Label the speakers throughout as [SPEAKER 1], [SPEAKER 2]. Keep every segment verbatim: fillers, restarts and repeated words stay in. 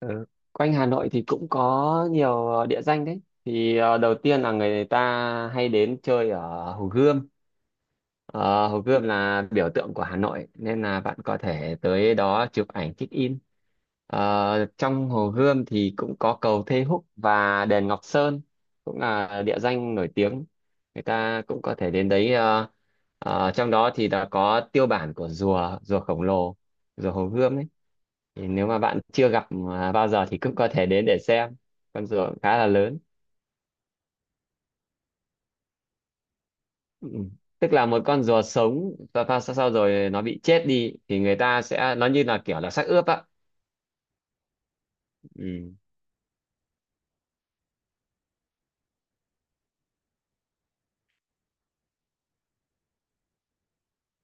[SPEAKER 1] Ừ. Quanh Hà Nội thì cũng có nhiều ờ, địa danh đấy. Thì ờ, đầu tiên là người ta hay đến chơi ở Hồ Gươm. Ờ, Hồ Gươm là biểu tượng của Hà Nội nên là bạn có thể tới đó chụp ảnh check in. Ờ, trong Hồ Gươm thì cũng có cầu Thê Húc và đền Ngọc Sơn cũng là địa danh nổi tiếng. Người ta cũng có thể đến đấy. ờ, ờ, Trong đó thì đã có tiêu bản của rùa rùa khổng lồ, rùa Hồ Gươm ấy. Thì nếu mà bạn chưa gặp à, bao giờ thì cũng có thể đến để xem, con rùa cũng khá là lớn. Ừ, tức là một con rùa sống và và sau, sau rồi nó bị chết đi thì người ta sẽ nó như là kiểu là xác ướp á. Ừ,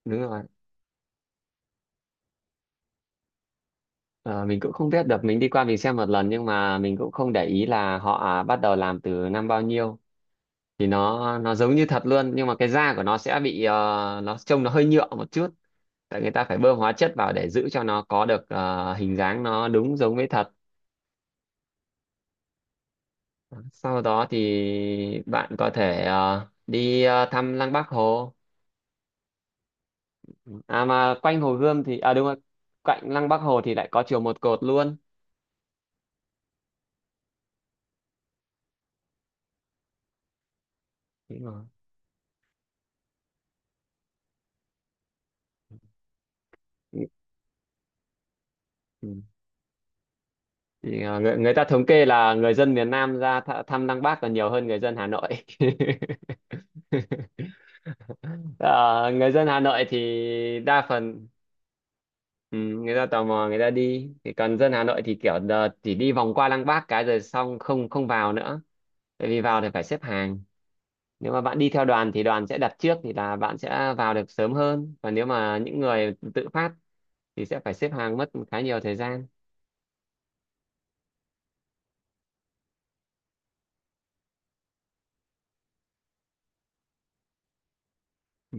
[SPEAKER 1] đúng rồi. Ờ, mình cũng không biết được, mình đi qua mình xem một lần nhưng mà mình cũng không để ý là họ bắt đầu làm từ năm bao nhiêu. Thì nó nó giống như thật luôn nhưng mà cái da của nó sẽ bị ờ, nó trông nó hơi nhựa một chút, tại người ta phải bơm hóa chất vào để giữ cho nó có được ờ, hình dáng nó đúng giống với thật. Sau đó thì bạn có thể ờ, đi ờ, thăm Lăng Bác Hồ. À mà quanh Hồ Gươm thì à, đúng rồi, cạnh Lăng Bác Hồ thì lại có chùa Một Cột luôn. Đúng rồi. Ừ. Ừ. Thì, ờ, người, người ta thống kê là người dân miền Nam ra th thăm Lăng Bác còn nhiều hơn người dân Hà Nội. Ờ, Người dân Hà Nội thì đa phần, ừ, người ta tò mò người ta đi, thì còn dân Hà Nội thì kiểu ờ, chỉ đi vòng qua Lăng Bác cái rồi xong không không vào nữa. Tại vì vào thì phải xếp hàng. Nếu mà bạn đi theo đoàn thì đoàn sẽ đặt trước thì là bạn sẽ vào được sớm hơn, và nếu mà những người tự phát thì sẽ phải xếp hàng mất khá nhiều thời gian. Ừ.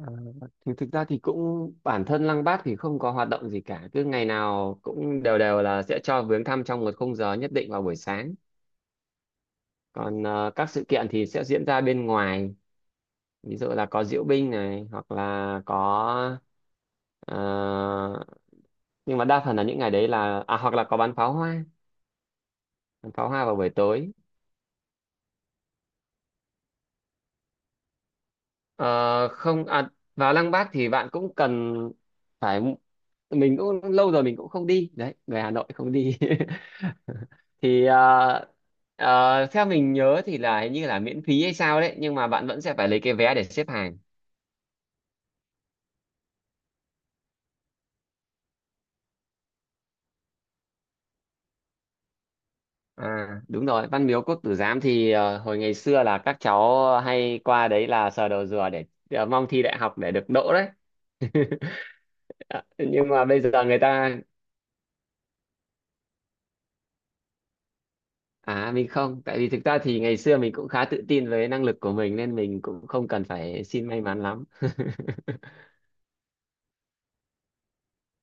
[SPEAKER 1] Ờ, thì thực ra thì cũng bản thân Lăng Bác thì không có hoạt động gì cả, cứ ngày nào cũng đều đều là sẽ cho viếng thăm trong một khung giờ nhất định vào buổi sáng. Còn ờ, các sự kiện thì sẽ diễn ra bên ngoài, ví dụ là có diễu binh này hoặc là có ờ, nhưng mà đa phần là những ngày đấy là à hoặc là có bắn pháo hoa bắn pháo hoa vào buổi tối. Ờ, Không à, vào Lăng Bác thì bạn cũng cần phải, mình cũng lâu rồi mình cũng không đi đấy, người Hà Nội không đi. Thì ờ, ờ, theo mình nhớ thì là hình như là miễn phí hay sao đấy nhưng mà bạn vẫn sẽ phải lấy cái vé để xếp hàng. À đúng rồi, Văn Miếu Quốc Tử Giám thì ờ, hồi ngày xưa là các cháu hay qua đấy là sờ đầu rùa để, để mong thi đại học để được đỗ đấy. Nhưng mà bây giờ người ta. À mình không, tại vì thực ra thì ngày xưa mình cũng khá tự tin với năng lực của mình nên mình cũng không cần phải xin may mắn lắm.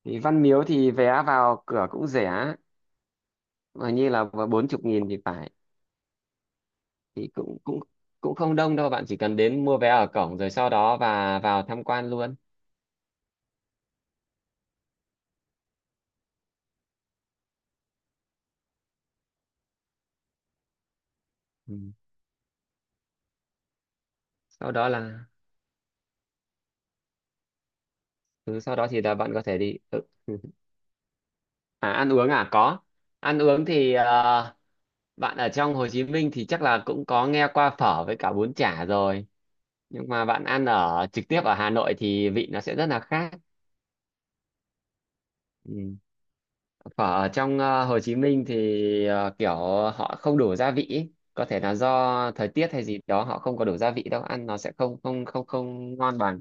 [SPEAKER 1] Thì Văn Miếu thì vé vào cửa cũng rẻ, mà như là bốn chục nghìn thì phải, thì cũng cũng cũng không đông đâu, bạn chỉ cần đến mua vé ở cổng rồi sau đó và vào tham quan luôn. Ừ. Sau đó là ừ, Sau đó thì là bạn có thể đi. Ừ. À ăn uống à, có. Ăn uống thì ờ, bạn ở trong Hồ Chí Minh thì chắc là cũng có nghe qua phở với cả bún chả rồi. Nhưng mà bạn ăn ở trực tiếp ở Hà Nội thì vị nó sẽ rất là khác. Ừ. Phở ở trong ờ, Hồ Chí Minh thì ờ, kiểu họ không đủ gia vị ý. Có thể là do thời tiết hay gì đó, họ không có đủ gia vị đâu, ăn nó sẽ không không không không ngon bằng.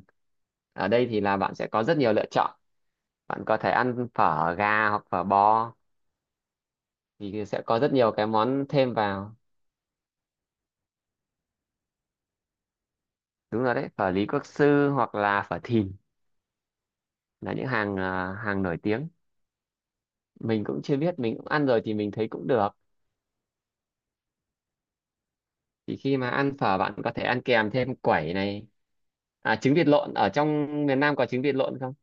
[SPEAKER 1] Ở đây thì là bạn sẽ có rất nhiều lựa chọn, bạn có thể ăn phở gà hoặc phở bò, thì sẽ có rất nhiều cái món thêm vào. Đúng rồi đấy, phở Lý Quốc Sư hoặc là phở Thìn là những hàng à, hàng nổi tiếng. Mình cũng chưa biết, mình cũng ăn rồi thì mình thấy cũng được. Thì khi mà ăn phở bạn có thể ăn kèm thêm quẩy này. À, trứng vịt lộn. Ở trong miền Nam có trứng vịt lộn không?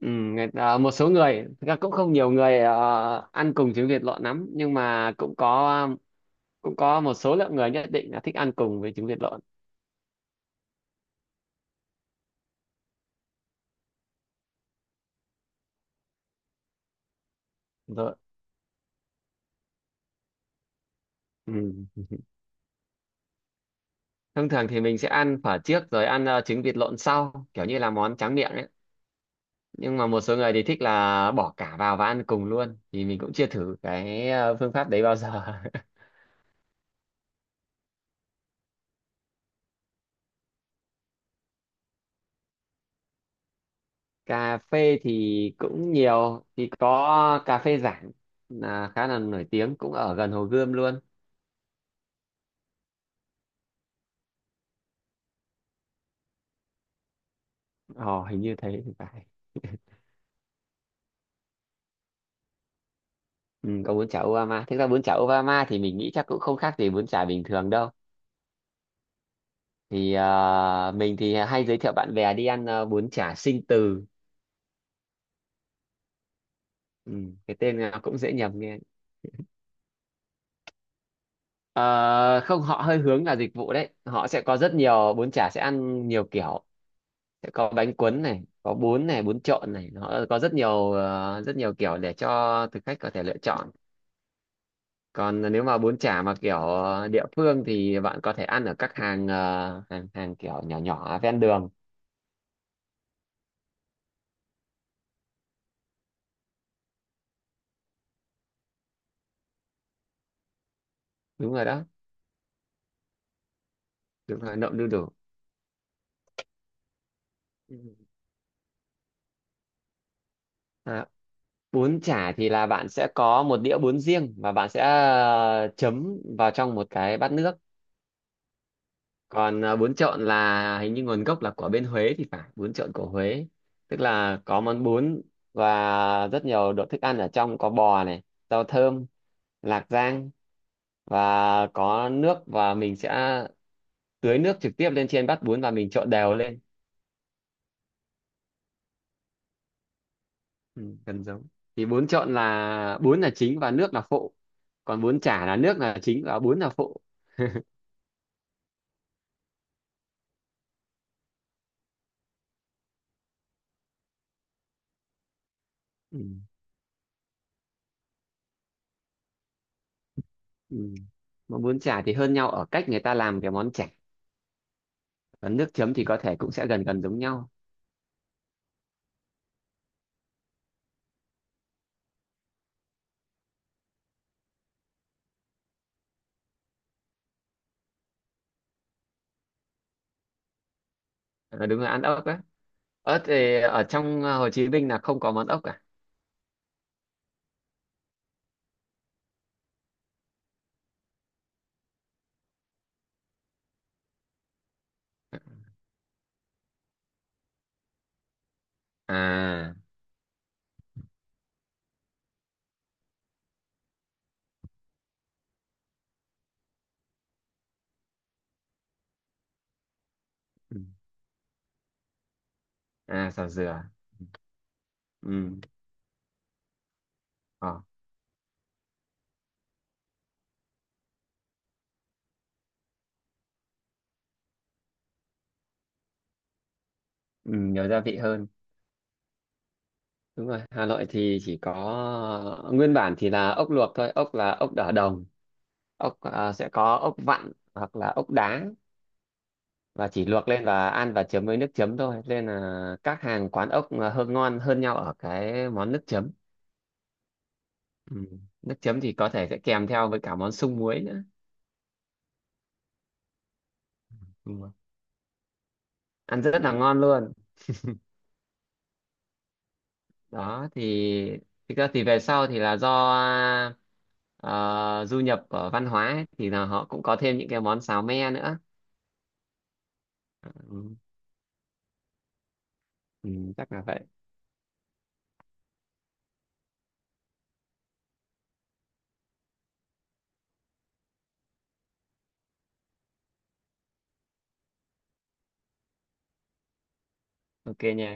[SPEAKER 1] Ừ, người, à, một số người thực ra cũng không nhiều người ờ, ăn cùng trứng vịt lộn lắm, nhưng mà cũng có, cũng có một số lượng người nhất định là thích ăn cùng với trứng vịt lộn. Rồi. Ừ. Thông thường thì mình sẽ ăn phở trước rồi ăn ờ, trứng vịt lộn sau, kiểu như là món tráng miệng ấy. Nhưng mà một số người thì thích là bỏ cả vào và ăn cùng luôn, thì mình cũng chưa thử cái ờ, phương pháp đấy bao giờ. Cà phê thì cũng nhiều, thì có cà phê Giảng là khá là nổi tiếng, cũng ở gần Hồ Gươm luôn. Ồ, hình như thế thì phải. Ừ, có bún chả Obama. Thực ra bún chả Obama thì mình nghĩ chắc cũng không khác gì bún chả bình thường đâu. Thì ờ, mình thì hay giới thiệu bạn bè đi ăn ờ, bún chả Sinh Từ. Ừ, cái tên nó cũng dễ nhầm nghe. Ờ, Không, họ hơi hướng là dịch vụ đấy, họ sẽ có rất nhiều bún chả, sẽ ăn nhiều kiểu. Sẽ có bánh cuốn này, có bún này, bún trộn này, nó có rất nhiều ờ, rất nhiều kiểu để cho thực khách có thể lựa chọn. Còn nếu mà bún chả mà kiểu ờ, địa phương thì bạn có thể ăn ở các hàng ờ, hàng hàng kiểu nhỏ nhỏ ven đường. Đúng rồi đó. Đúng rồi, nộm đu đủ. Ừ. À, bún chả thì là bạn sẽ có một đĩa bún riêng và bạn sẽ ờ, chấm vào trong một cái bát nước. Còn à, bún trộn là hình như nguồn gốc là của bên Huế thì phải, bún trộn của Huế. Tức là có món bún và rất nhiều đồ thức ăn ở trong, có bò này, rau thơm, lạc rang, và có nước và mình sẽ tưới nước trực tiếp lên trên bát bún và mình trộn đều lên. Ừ, gần giống. Thì bún trộn là bún là chính và nước là phụ, còn bún chả là nước là chính và bún là phụ. Ừ. Ừ. Mà bún chả thì hơn nhau ở cách người ta làm cái món chả, còn nước chấm thì có thể cũng sẽ gần gần giống nhau. À, đúng là ăn ốc á. Ớt thì ở trong ờ, Hồ Chí Minh là không có món ốc cả. À, ừ. À, xào dừa. Ừ. Ờ. Ừ, nhiều gia vị hơn. Đúng rồi, Hà Nội thì chỉ có ờ, nguyên bản thì là ốc luộc thôi, ốc là ốc đỏ đồng, ốc ờ, sẽ có ốc vặn hoặc là ốc đá. Và chỉ luộc lên và ăn và chấm với nước chấm thôi. Nên là các hàng quán ốc là hơn ngon hơn nhau ở cái món nước chấm. Ừ. Nước chấm thì có thể sẽ kèm theo với cả món sung muối nữa. Ừ. Ăn rất là ngon luôn. Đó thì thực ra thì về sau thì là do ờ, du nhập ở văn hóa ấy, thì là họ cũng có thêm những cái món xào me nữa. Ừ, ừ, chắc là vậy. Ok nha.